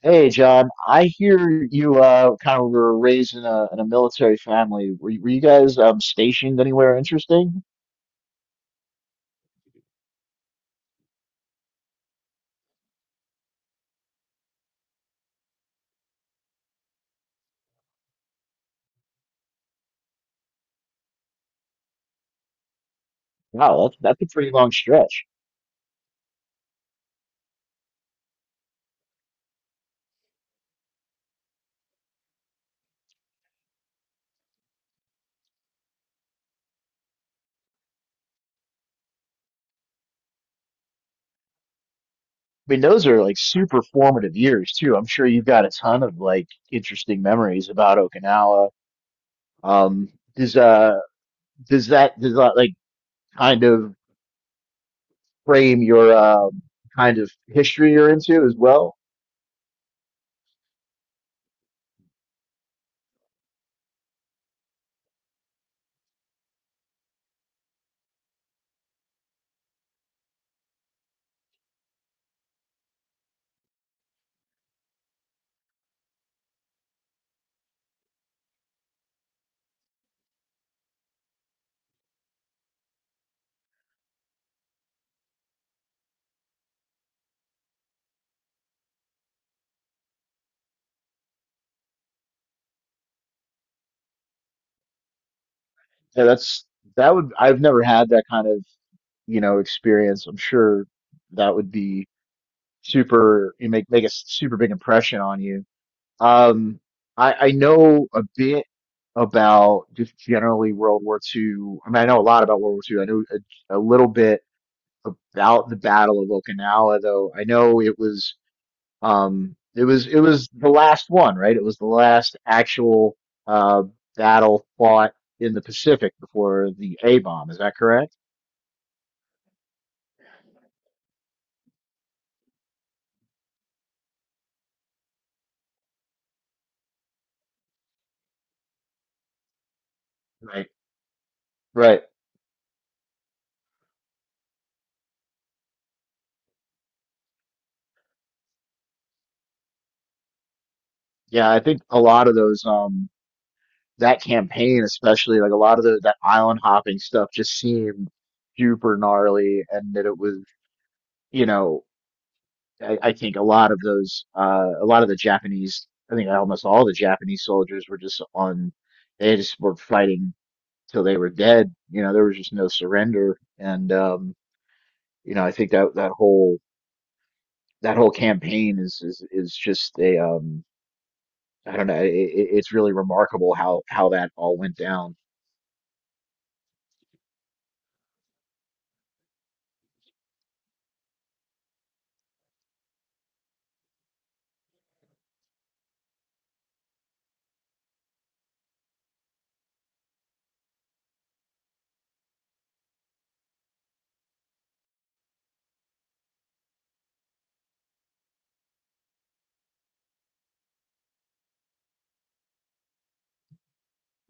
Hey John, I hear you kind of were raised in a military family. Were you guys stationed anywhere interesting? Wow, that's a pretty long stretch. I mean, those are like super formative years too. I'm sure you've got a ton of like interesting memories about Okinawa. Um, does uh does that like kind of frame your kind of history you're into as well? Yeah, that would, I've never had that kind of, you know, experience. I'm sure that would be super, you make a super big impression on you. Um, I know a bit about just generally World War II. I mean, I know a lot about World War II. I know a little bit about the Battle of Okinawa, though. I know it was it was the last one, right? It was the last actual uh battle fought in the Pacific before the A bomb. Is that correct? Right. Right. Yeah, I think a lot of those. That campaign especially, like a lot of the, that island hopping stuff just seemed super gnarly. And that it was, you know, I think a lot of those a lot of the Japanese, I think almost all the Japanese soldiers were just on, they just were fighting till they were dead. You know, there was just no surrender. And you know, I think that that whole campaign is just a, I don't know, it's really remarkable how that all went down.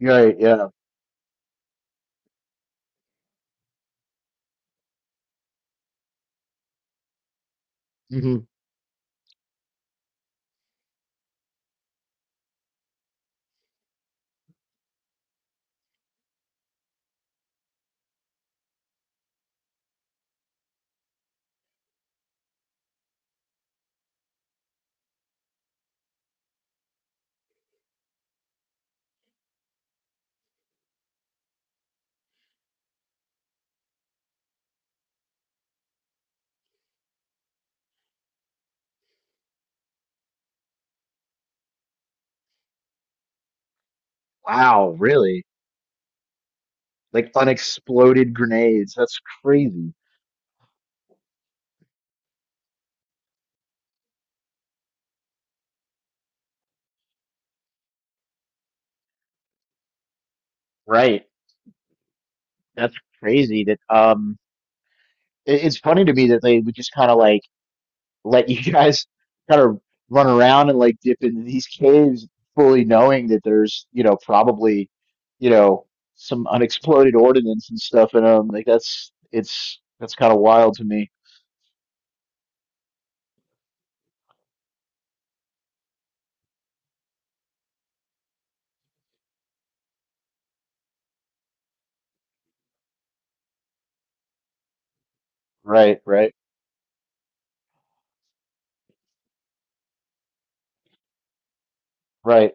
Right. Yeah. Wow, really? Like unexploded grenades. That's crazy. Right. That's crazy that it's funny to me that they would just kind of like let you guys kind of run around and like dip into these caves fully knowing that there's, you know, probably, you know, some unexploded ordnance and stuff in them. Like, that's, it's, that's kind of wild to me. Right, right, right,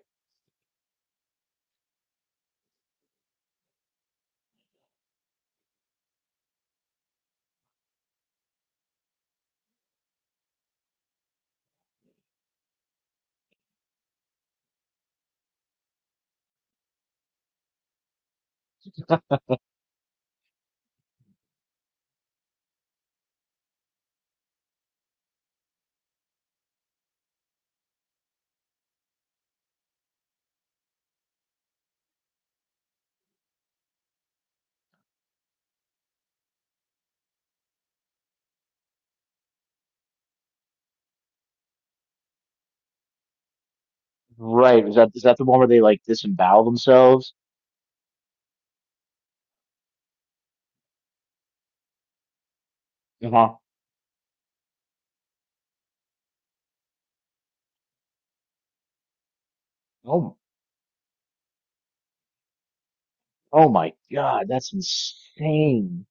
right. Is that, is that the one where they like disembowel themselves? Uh-huh. Oh. Oh my God, that's insane.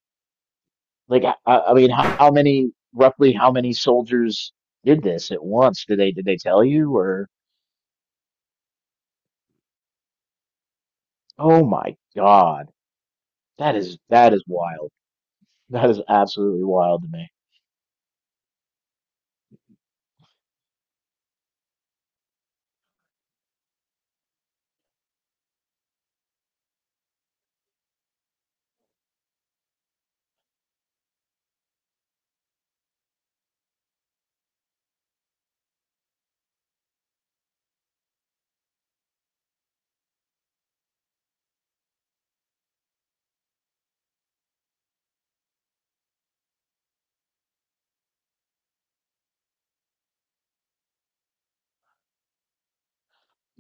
Like, I mean, how many, roughly how many soldiers did this at once? Did they tell you or? Oh my God. That is wild. That is absolutely wild to me.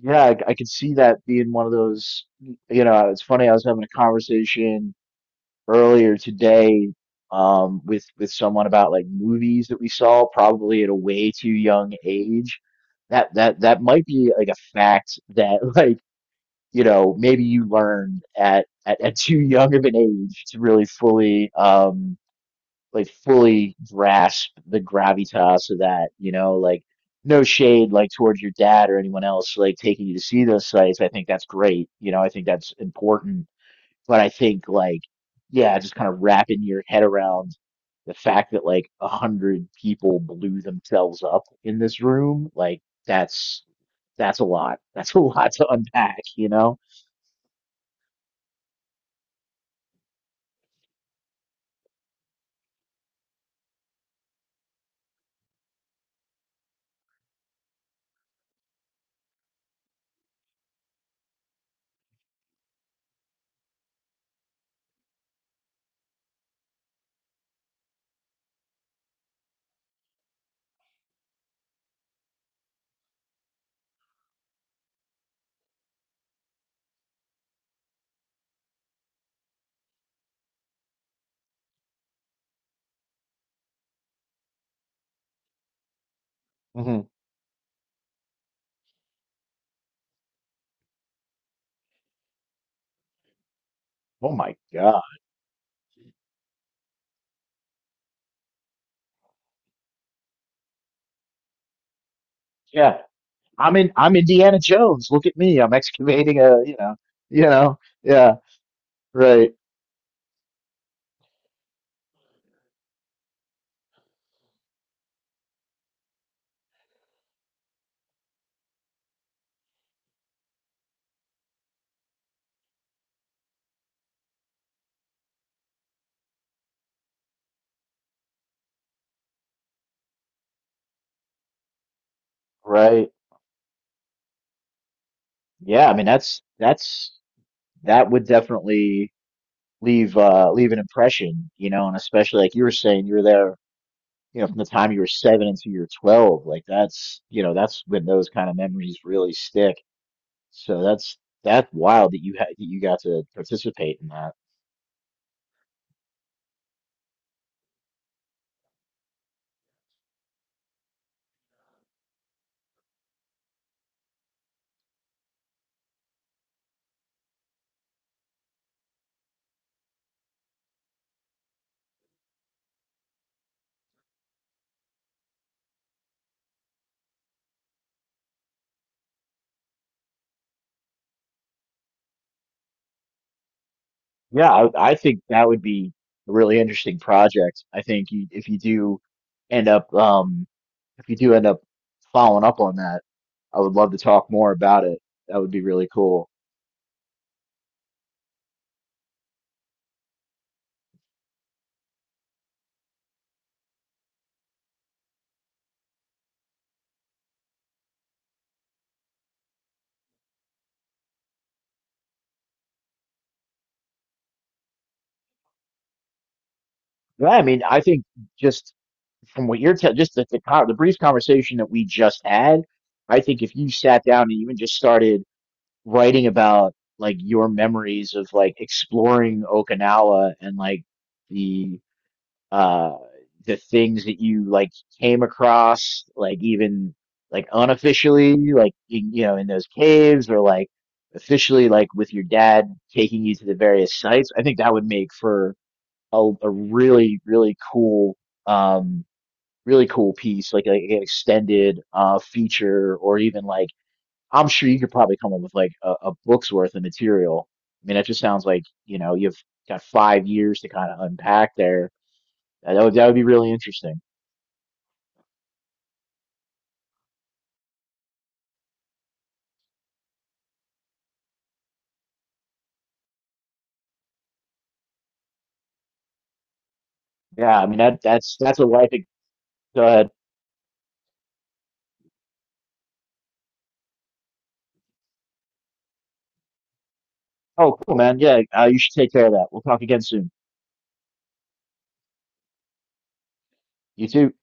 Yeah, I could see that being one of those, you know. It's funny, I was having a conversation earlier today, with someone about like movies that we saw probably at a way too young age, that that might be like a fact that like, you know, maybe you learn at too young of an age to really fully, like fully grasp the gravitas of that, you know. Like, no shade, like towards your dad or anyone else, like taking you to see those sites. I think that's great. You know, I think that's important. But I think like, yeah, just kind of wrapping your head around the fact that like a hundred people blew themselves up in this room, like, that's, that's a lot. That's a lot to unpack, you know? Oh my God. Yeah. I'm in, I'm Indiana Jones. Look at me. I'm excavating a, you know, you know. Yeah. Right. Right. Yeah, I mean that's that would definitely leave leave an impression, you know. And especially like you were saying, you were there, you know, from the time you were seven until you were 12. Like, that's, you know, that's when those kind of memories really stick. So that's wild that you had, that you got to participate in that. Yeah, I think that would be a really interesting project. I think you, if you do end up, if you do end up following up on that, I would love to talk more about it. That would be really cool. Yeah, I mean, I think just from what you're telling, just the, the brief conversation that we just had, I think if you sat down and even just started writing about like your memories of like exploring Okinawa and like the uh the things that you like came across, like even like unofficially, like in, you know, in those caves, or like officially like with your dad taking you to the various sites, I think that would make for a really really cool um really cool piece, like an extended feature, or even like, I'm sure you could probably come up with like a book's worth of material. I mean, that just sounds like, you know, you've got five years to kind of unpack there. Yeah, that would, that would be really interesting. Yeah, I mean that's a life. Go ahead. Oh, cool, man. Yeah, you should take care of that. We'll talk again soon. You too.